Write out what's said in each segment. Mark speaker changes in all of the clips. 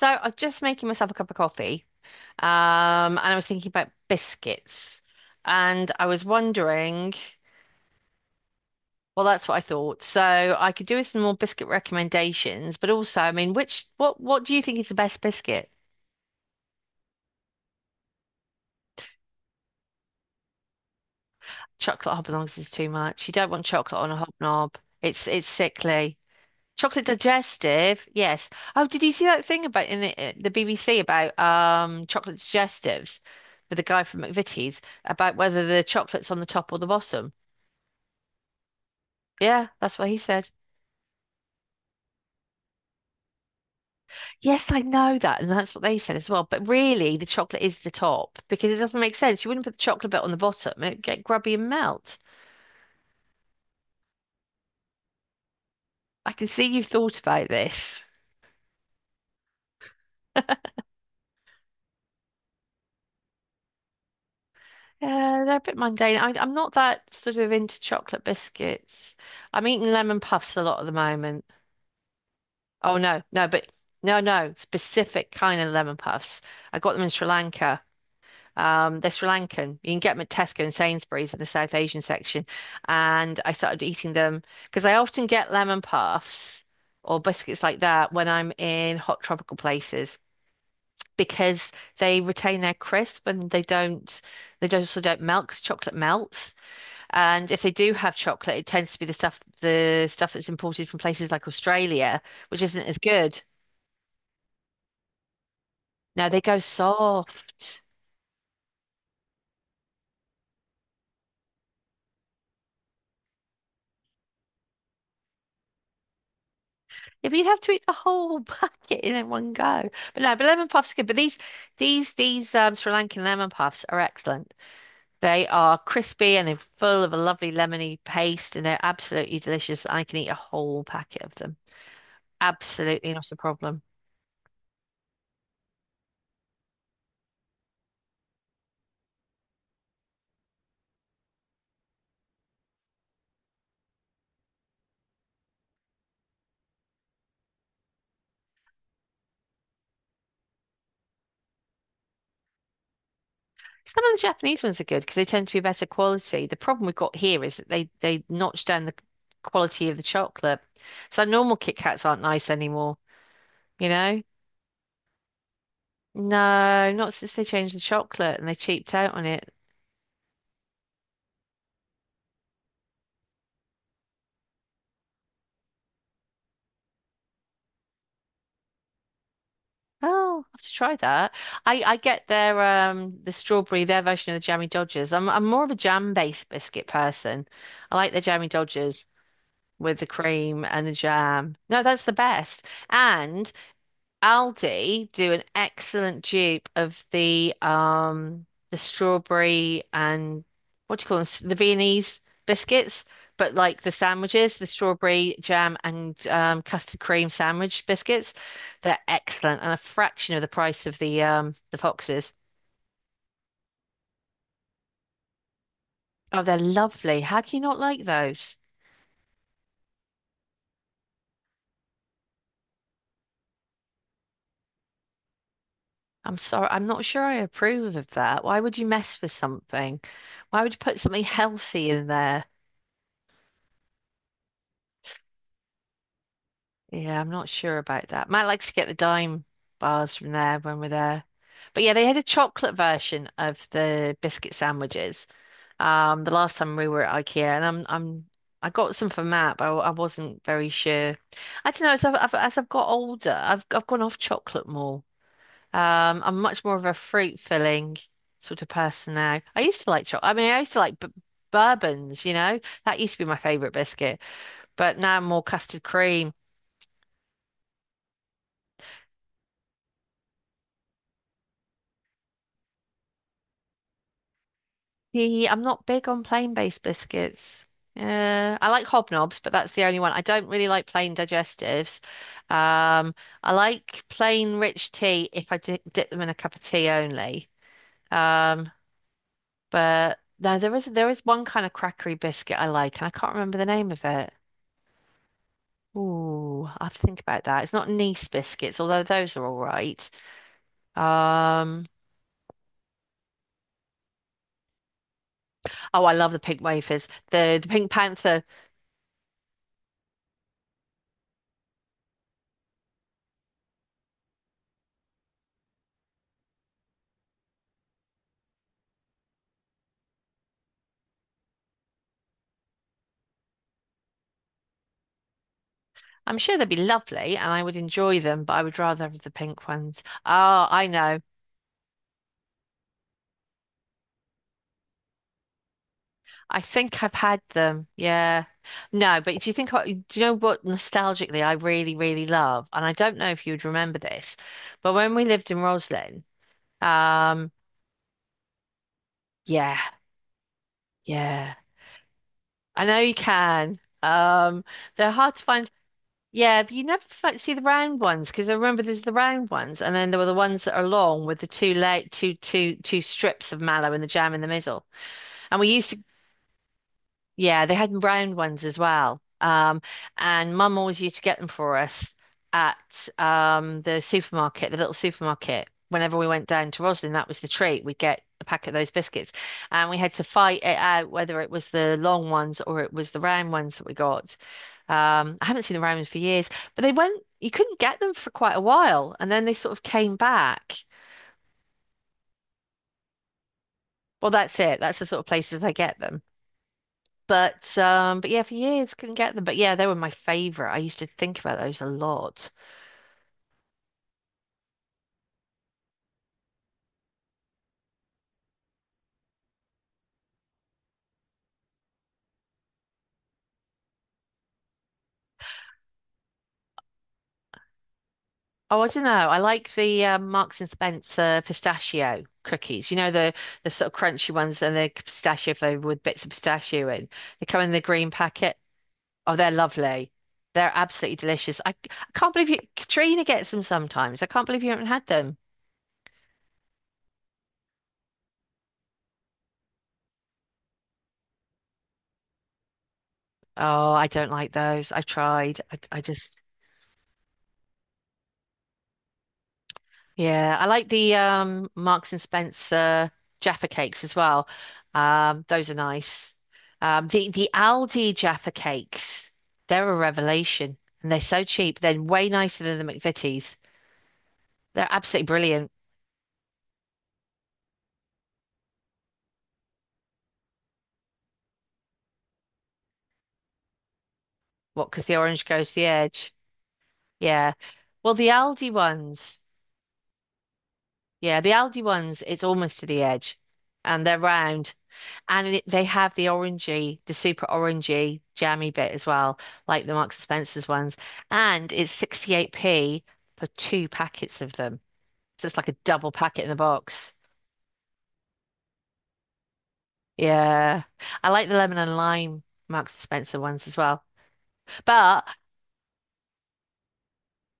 Speaker 1: So I'm just making myself a cup of coffee, um, and I was thinking about biscuits, and I was wondering, well, that's what I thought. So I could do with some more biscuit recommendations, but also, I mean, which what do you think is the best biscuit? Chocolate hobnobs is too much. You don't want chocolate on a hobnob. It's sickly. Chocolate digestive, yes. Oh, did you see that thing about in the BBC about chocolate digestives with the guy from McVitie's about whether the chocolate's on the top or the bottom? Yeah, that's what he said. Yes, I know that, and that's what they said as well. But really, the chocolate is the top because it doesn't make sense. You wouldn't put the chocolate bit on the bottom; it'd get grubby and melt. I can see you've thought about this. Yeah, they're a bit mundane. I'm not that sort of into chocolate biscuits. I'm eating lemon puffs a lot at the moment. Oh no, no, but no, no, specific kind of lemon puffs. I got them in Sri Lanka. They're Sri Lankan. You can get them at Tesco and Sainsbury's in the South Asian section. And I started eating them because I often get lemon puffs or biscuits like that when I'm in hot tropical places because they retain their crisp and they don't also don't melt because chocolate melts. And if they do have chocolate, it tends to be the stuff that's imported from places like Australia, which isn't as good. Now they go soft. Yeah, but you'd have to eat the whole bucket in one go. But no, but lemon puffs are good. But these Sri Lankan lemon puffs are excellent. They are crispy and they're full of a lovely lemony paste and they're absolutely delicious. I can eat a whole packet of them. Absolutely not a problem. Some of the Japanese ones are good because they tend to be better quality. The problem we've got here is that they notch down the quality of the chocolate. So normal Kit Kats aren't nice anymore, you know? No, not since they changed the chocolate and they cheaped out on it. Oh, I have to try that. I get their the strawberry, their version of the jammy Dodgers. I'm more of a jam-based biscuit person. I like the jammy Dodgers with the cream and the jam. No, that's the best. And Aldi do an excellent dupe of the strawberry and what do you call them? The Viennese biscuits, but like the sandwiches, the strawberry jam and custard cream sandwich biscuits, they're excellent and a fraction of the price of the Foxes. Oh, they're lovely. How can you not like those? I'm sorry, I'm not sure I approve of that. Why would you mess with something? Why would you put something healthy in there? Yeah, I'm not sure about that. Matt likes to get the dime bars from there when we're there. But yeah, they had a chocolate version of the biscuit sandwiches. The last time we were at IKEA, and I got some for Matt, but I wasn't very sure. I don't know. As I've got older, I've gone off chocolate more. I'm much more of a fruit filling sort of person now. I used to like chocolate. I mean, I used to like b bourbons. You know, that used to be my favorite biscuit. But now I'm more custard cream. See, I'm not big on plain-based biscuits. I like hobnobs, but that's the only one. I don't really like plain digestives. Um, I like plain rich tea if I di dip them in a cup of tea only. Um, but no, there is one kind of crackery biscuit I like, and I can't remember the name of it. Ooh, I have to think about that. It's not Nice biscuits, although those are all right. Um, oh, I love the pink wafers. The Pink Panther. I'm sure they'd be lovely and I would enjoy them, but I would rather have the pink ones. Oh, I know. I think I've had them. Yeah. No, but do you think, do you know what nostalgically I really, really love? And I don't know if you would remember this, but when we lived in Roslyn, um, yeah, yeah, I know you can. Um, they're hard to find. Yeah, but you never see the round ones because I remember there's the round ones, and then there were the ones that are long with the two late two two two strips of mallow and the jam in the middle. And we used to, Yeah, they had round ones as well. And mum always used to get them for us at the supermarket, the little supermarket. Whenever we went down to Roslyn, that was the treat. We'd get a pack of those biscuits. And we had to fight it out whether it was the long ones or it was the round ones that we got. I haven't seen the round ones for years, but they went, you couldn't get them for quite a while. And then they sort of came back. Well, that's it. That's the sort of places I get them. But yeah, for years couldn't get them. But yeah, they were my favorite. I used to think about those a lot. Oh, I don't know. I like the Marks and Spencer pistachio cookies. You know the sort of crunchy ones and the pistachio flavored with bits of pistachio in. They come in the green packet. Oh, they're lovely. They're absolutely delicious. I can't believe you, Katrina gets them sometimes. I can't believe you haven't had them. Oh, I don't like those. I tried. I just. Yeah, I like the Marks and Spencer Jaffa cakes as well. Those are nice. The Aldi Jaffa cakes, they're a revelation, and they're so cheap. They're way nicer than the McVitie's. They're absolutely brilliant. What? Because the orange goes to the edge. Yeah. Well, the Aldi ones, yeah, the Aldi ones, it's almost to the edge, and they're round. And it, they have the orangey, the super orangey jammy bit as well, like the Marks and Spencer's ones. And it's 68p for two packets of them. So it's like a double packet in the box. Yeah. I like the lemon and lime Marks and Spencer ones as well. But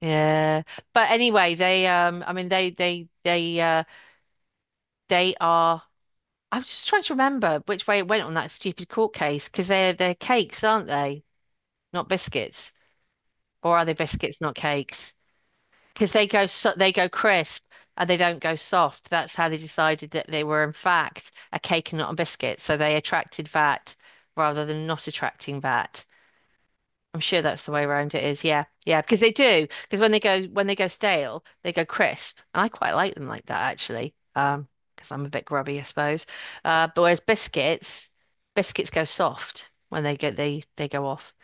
Speaker 1: yeah. But anyway, they I mean they are I'm just trying to remember which way it went on that stupid court case because they're cakes, aren't they? Not biscuits. Or are they biscuits, not cakes? Because they go crisp and they don't go soft. That's how they decided that they were in fact a cake and not a biscuit. So they attracted VAT rather than not attracting VAT. I'm sure that's the way around it is. Yeah, yeah, because they do. Because when they go stale, they go crisp, and I quite like them like that actually. Because I'm a bit grubby, I suppose. But whereas biscuits, biscuits go soft when they get they go off,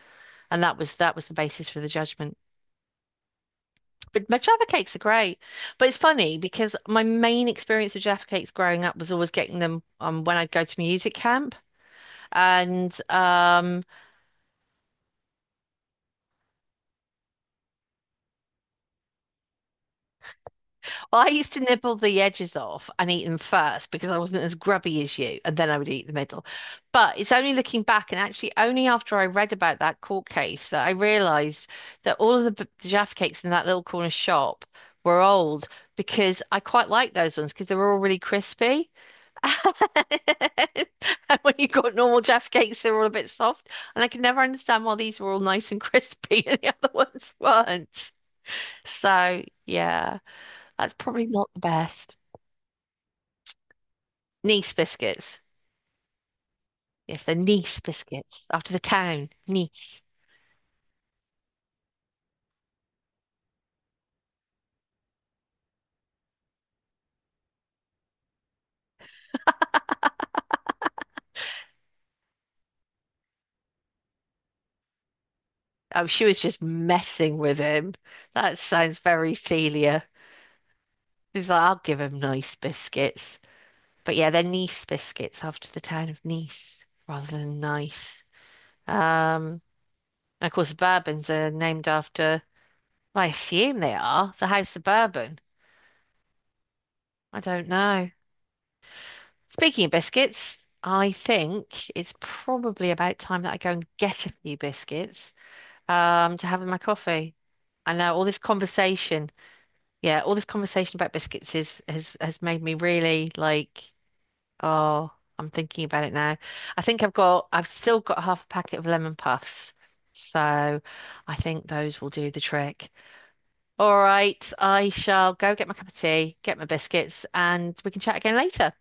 Speaker 1: and that was the basis for the judgment. But my Jaffa cakes are great. But it's funny because my main experience with Jaffa cakes growing up was always getting them when I'd go to music camp. And Well, I used to nibble the edges off and eat them first because I wasn't as grubby as you. And then I would eat the middle. But it's only looking back and actually only after I read about that court case that I realized that all of the Jaffa cakes in that little corner shop were old because I quite liked those ones because they were all really crispy. And when you got normal Jaffa cakes, they're all a bit soft. And I could never understand why these were all nice and crispy and the other ones weren't. So, yeah, that's probably not the best. Nice biscuits. Yes, they're Nice biscuits. After the town, Nice. Oh, she was just messing with him. That sounds very Celia. She's like, I'll give him nice biscuits. But yeah, they're Nice biscuits after the town of Nice rather than nice. Um, And Of course, the Bourbons are named after, well, I assume they are, the House of Bourbon. I don't know. Speaking of biscuits, I think it's probably about time that I go and get a few biscuits to have in my coffee. I know all this conversation, yeah, all this conversation about biscuits is has made me really like, oh, I'm thinking about it now. I've still got half a packet of lemon puffs, so I think those will do the trick. All right, I shall go get my cup of tea, get my biscuits, and we can chat again later.